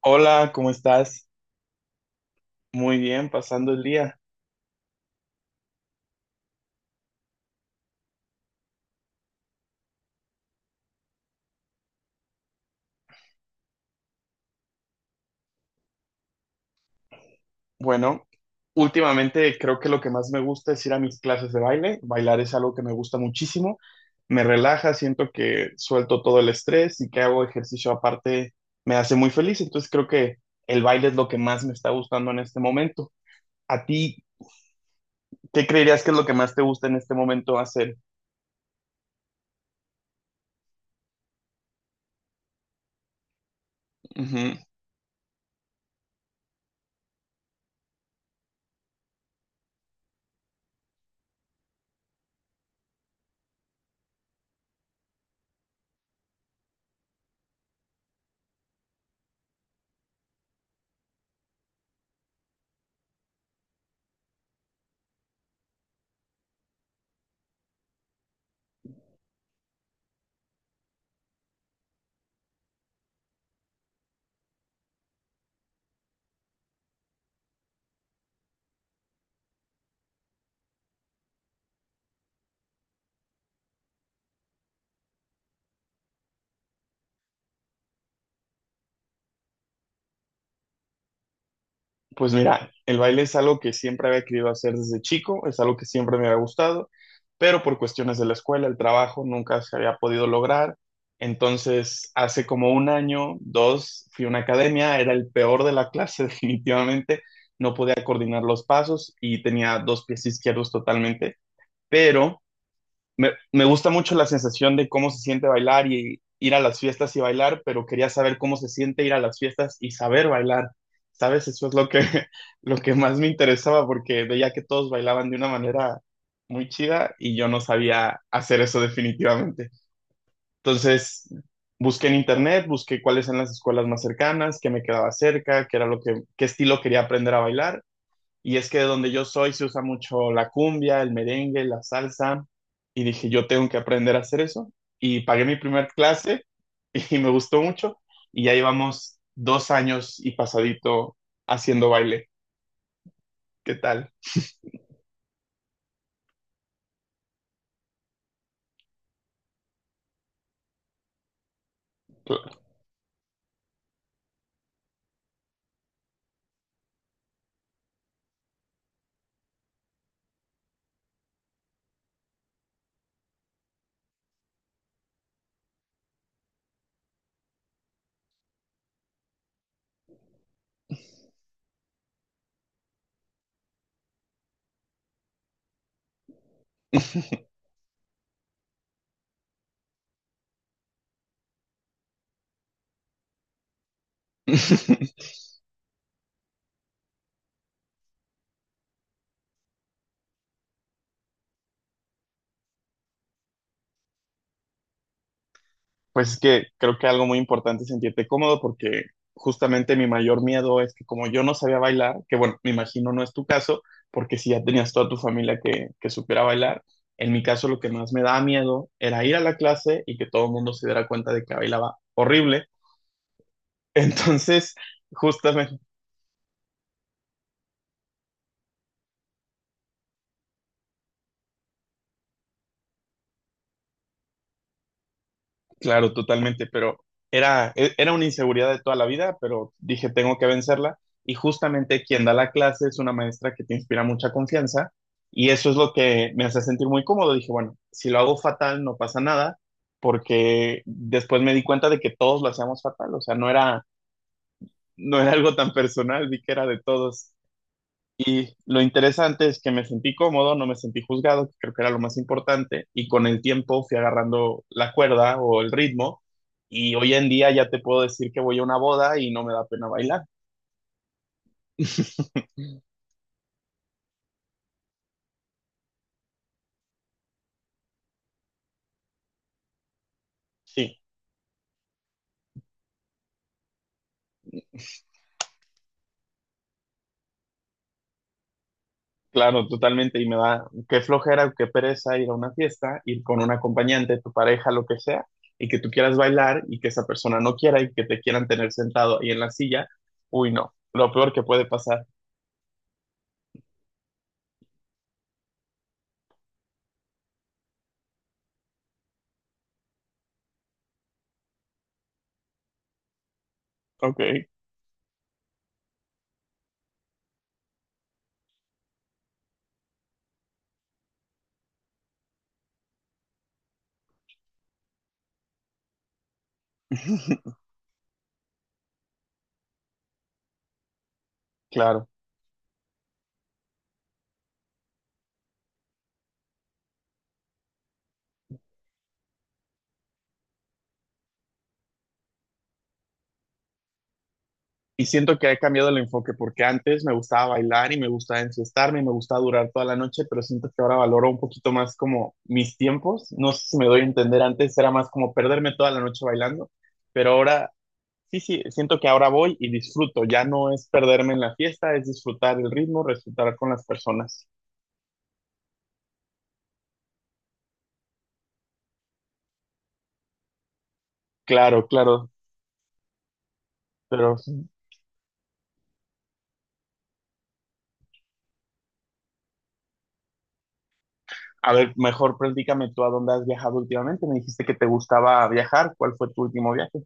Hola, ¿cómo estás? Muy bien, pasando el día. Bueno, últimamente creo que lo que más me gusta es ir a mis clases de baile. Bailar es algo que me gusta muchísimo. Me relaja, siento que suelto todo el estrés y que hago ejercicio aparte me hace muy feliz. Entonces creo que el baile es lo que más me está gustando en este momento. ¿A ti qué creerías que es lo que más te gusta en este momento hacer? Pues mira, el baile es algo que siempre había querido hacer desde chico, es algo que siempre me había gustado, pero por cuestiones de la escuela, el trabajo, nunca se había podido lograr. Entonces, hace como un año, dos, fui a una academia, era el peor de la clase definitivamente, no podía coordinar los pasos y tenía dos pies izquierdos totalmente, pero me gusta mucho la sensación de cómo se siente bailar y ir a las fiestas y bailar, pero quería saber cómo se siente ir a las fiestas y saber bailar. ¿Sabes? Eso es lo que, lo que más me interesaba porque veía que todos bailaban de una manera muy chida y yo no sabía hacer eso definitivamente. Entonces, busqué en internet, busqué cuáles eran las escuelas más cercanas, qué me quedaba cerca, qué era lo que, qué estilo quería aprender a bailar y es que de donde yo soy se usa mucho la cumbia, el merengue, la salsa. Y dije, yo tengo que aprender a hacer eso. Y pagué mi primer clase y me gustó mucho. Y ya llevamos 2 años y pasadito haciendo baile. ¿Qué tal? Pues es que creo que algo muy importante es sentirte cómodo porque justamente mi mayor miedo es que como yo no sabía bailar, que bueno, me imagino no es tu caso, porque si ya tenías toda tu familia que supiera bailar, en mi caso lo que más me daba miedo era ir a la clase y que todo el mundo se diera cuenta de que bailaba horrible. Entonces, justamente claro, totalmente, pero era una inseguridad de toda la vida, pero dije, tengo que vencerla. Y justamente quien da la clase es una maestra que te inspira mucha confianza y eso es lo que me hace sentir muy cómodo. Dije, bueno, si lo hago fatal, no pasa nada, porque después me di cuenta de que todos lo hacíamos fatal, o sea, no era, no era algo tan personal, vi que era de todos. Y lo interesante es que me sentí cómodo, no me sentí juzgado, que creo que era lo más importante, y con el tiempo fui agarrando la cuerda o el ritmo, y hoy en día ya te puedo decir que voy a una boda y no me da pena bailar. Sí, claro, totalmente, y me da qué flojera o qué pereza ir a una fiesta, ir con un acompañante, tu pareja, lo que sea, y que tú quieras bailar y que esa persona no quiera y que te quieran tener sentado ahí en la silla. Uy, no, lo peor que puede pasar. Ok, claro. Y siento que he cambiado el enfoque porque antes me gustaba bailar y me gustaba enfiestarme y me gustaba durar toda la noche, pero siento que ahora valoro un poquito más como mis tiempos. No sé si me doy a entender, antes era más como perderme toda la noche bailando, pero ahora sí, sí, siento que ahora voy y disfruto. Ya no es perderme en la fiesta, es disfrutar el ritmo, disfrutar con las personas. Claro, claro, pero sí. A ver, mejor platícame tú a dónde has viajado últimamente. Me dijiste que te gustaba viajar. ¿Cuál fue tu último viaje?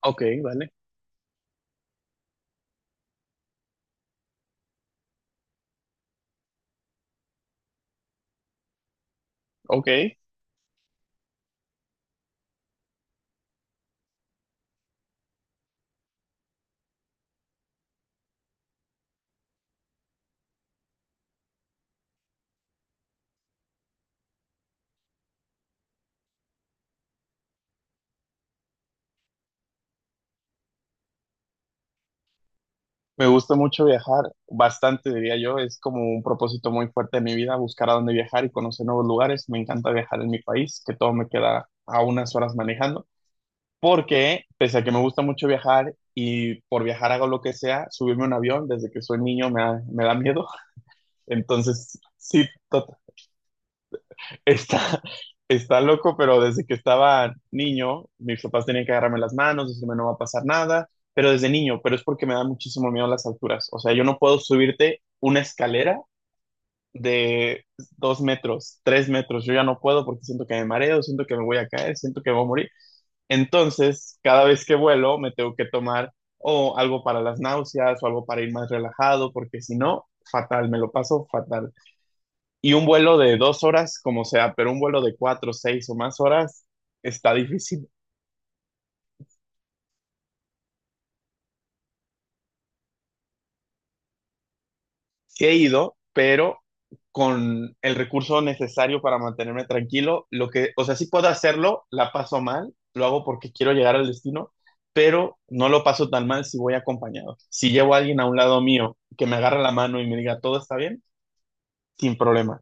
Ok, vale. Ok, me gusta mucho viajar, bastante diría yo, es como un propósito muy fuerte de mi vida, buscar a dónde viajar y conocer nuevos lugares. Me encanta viajar en mi país, que todo me queda a unas horas manejando, porque pese a que me gusta mucho viajar y por viajar hago lo que sea, subirme a un avión desde que soy niño me da miedo. Entonces, sí, Está, está loco, pero desde que estaba niño, mis papás tenían que agarrarme las manos, decirme no va a pasar nada, pero desde niño, pero es porque me da muchísimo miedo las alturas. O sea, yo no puedo subirte una escalera de 2 metros, 3 metros, yo ya no puedo porque siento que me mareo, siento que me voy a caer, siento que me voy a morir. Entonces, cada vez que vuelo, me tengo que tomar o algo para las náuseas o algo para ir más relajado, porque si no, fatal, me lo paso fatal. Y un vuelo de 2 horas, como sea, pero un vuelo de 4, 6 o más horas está difícil. Sí he ido, pero con el recurso necesario para mantenerme tranquilo, lo que, o sea, sí puedo hacerlo, la paso mal, lo hago porque quiero llegar al destino, pero no lo paso tan mal si voy acompañado. Si llevo a alguien a un lado mío que me agarra la mano y me diga todo está bien, sin problema.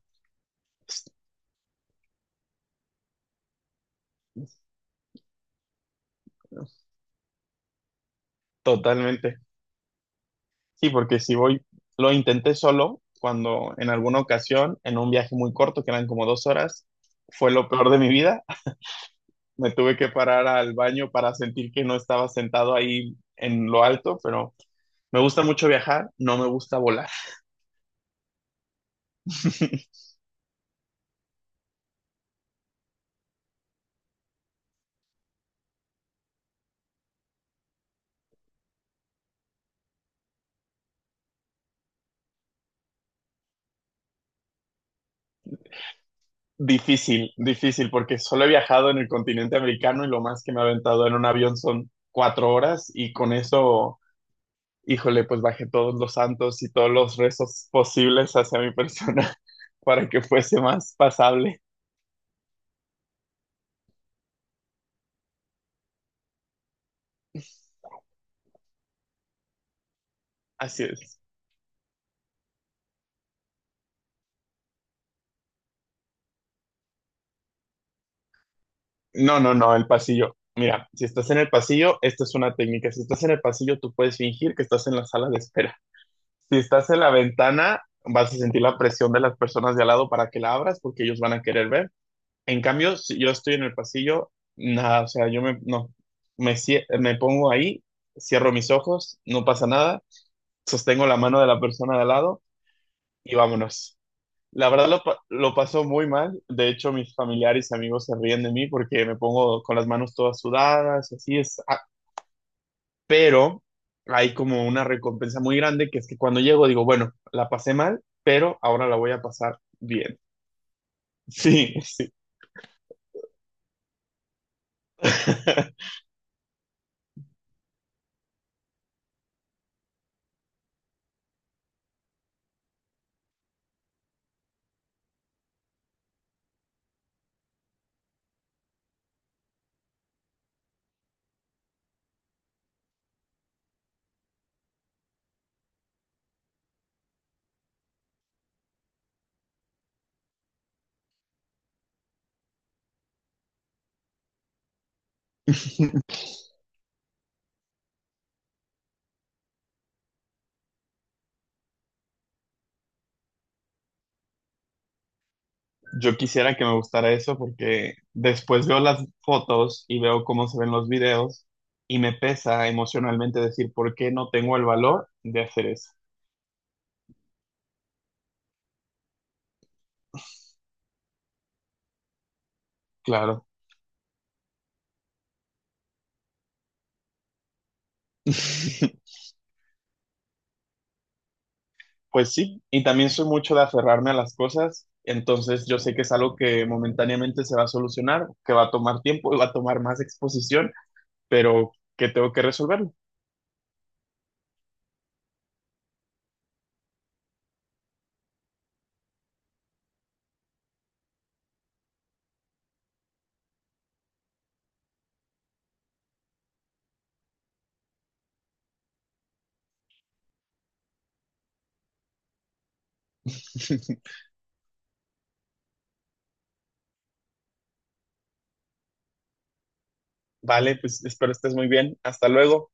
Totalmente. Sí, porque si voy, lo intenté solo cuando en alguna ocasión, en un viaje muy corto, que eran como 2 horas, fue lo peor de mi vida. Me tuve que parar al baño para sentir que no estaba sentado ahí en lo alto, pero me gusta mucho viajar, no me gusta volar. Difícil, difícil, porque solo he viajado en el continente americano y lo más que me he aventado en un avión son 4 horas y con eso, híjole, pues bajé todos los santos y todos los rezos posibles hacia mi persona para que fuese más pasable. Así es. No, no, no, el pasillo. Mira, si estás en el pasillo, esta es una técnica. Si estás en el pasillo, tú puedes fingir que estás en la sala de espera. Si estás en la ventana, vas a sentir la presión de las personas de al lado para que la abras porque ellos van a querer ver. En cambio, si yo estoy en el pasillo, nada, o sea, yo me, no, me, me pongo ahí, cierro mis ojos, no pasa nada, sostengo la mano de la persona de al lado y vámonos. La verdad lo, lo pasó muy mal. De hecho, mis familiares y amigos se ríen de mí porque me pongo con las manos todas sudadas, así es. Ah, pero hay como una recompensa muy grande que es que cuando llego digo, bueno, la pasé mal, pero ahora la voy a pasar bien. Sí, sí. Yo quisiera que me gustara eso porque después veo las fotos y veo cómo se ven los videos y me pesa emocionalmente decir por qué no tengo el valor de hacer eso. Claro. Pues sí, y también soy mucho de aferrarme a las cosas, entonces yo sé que es algo que momentáneamente se va a solucionar, que va a tomar tiempo y va a tomar más exposición, pero que tengo que resolverlo. Vale, pues espero estés muy bien. Hasta luego.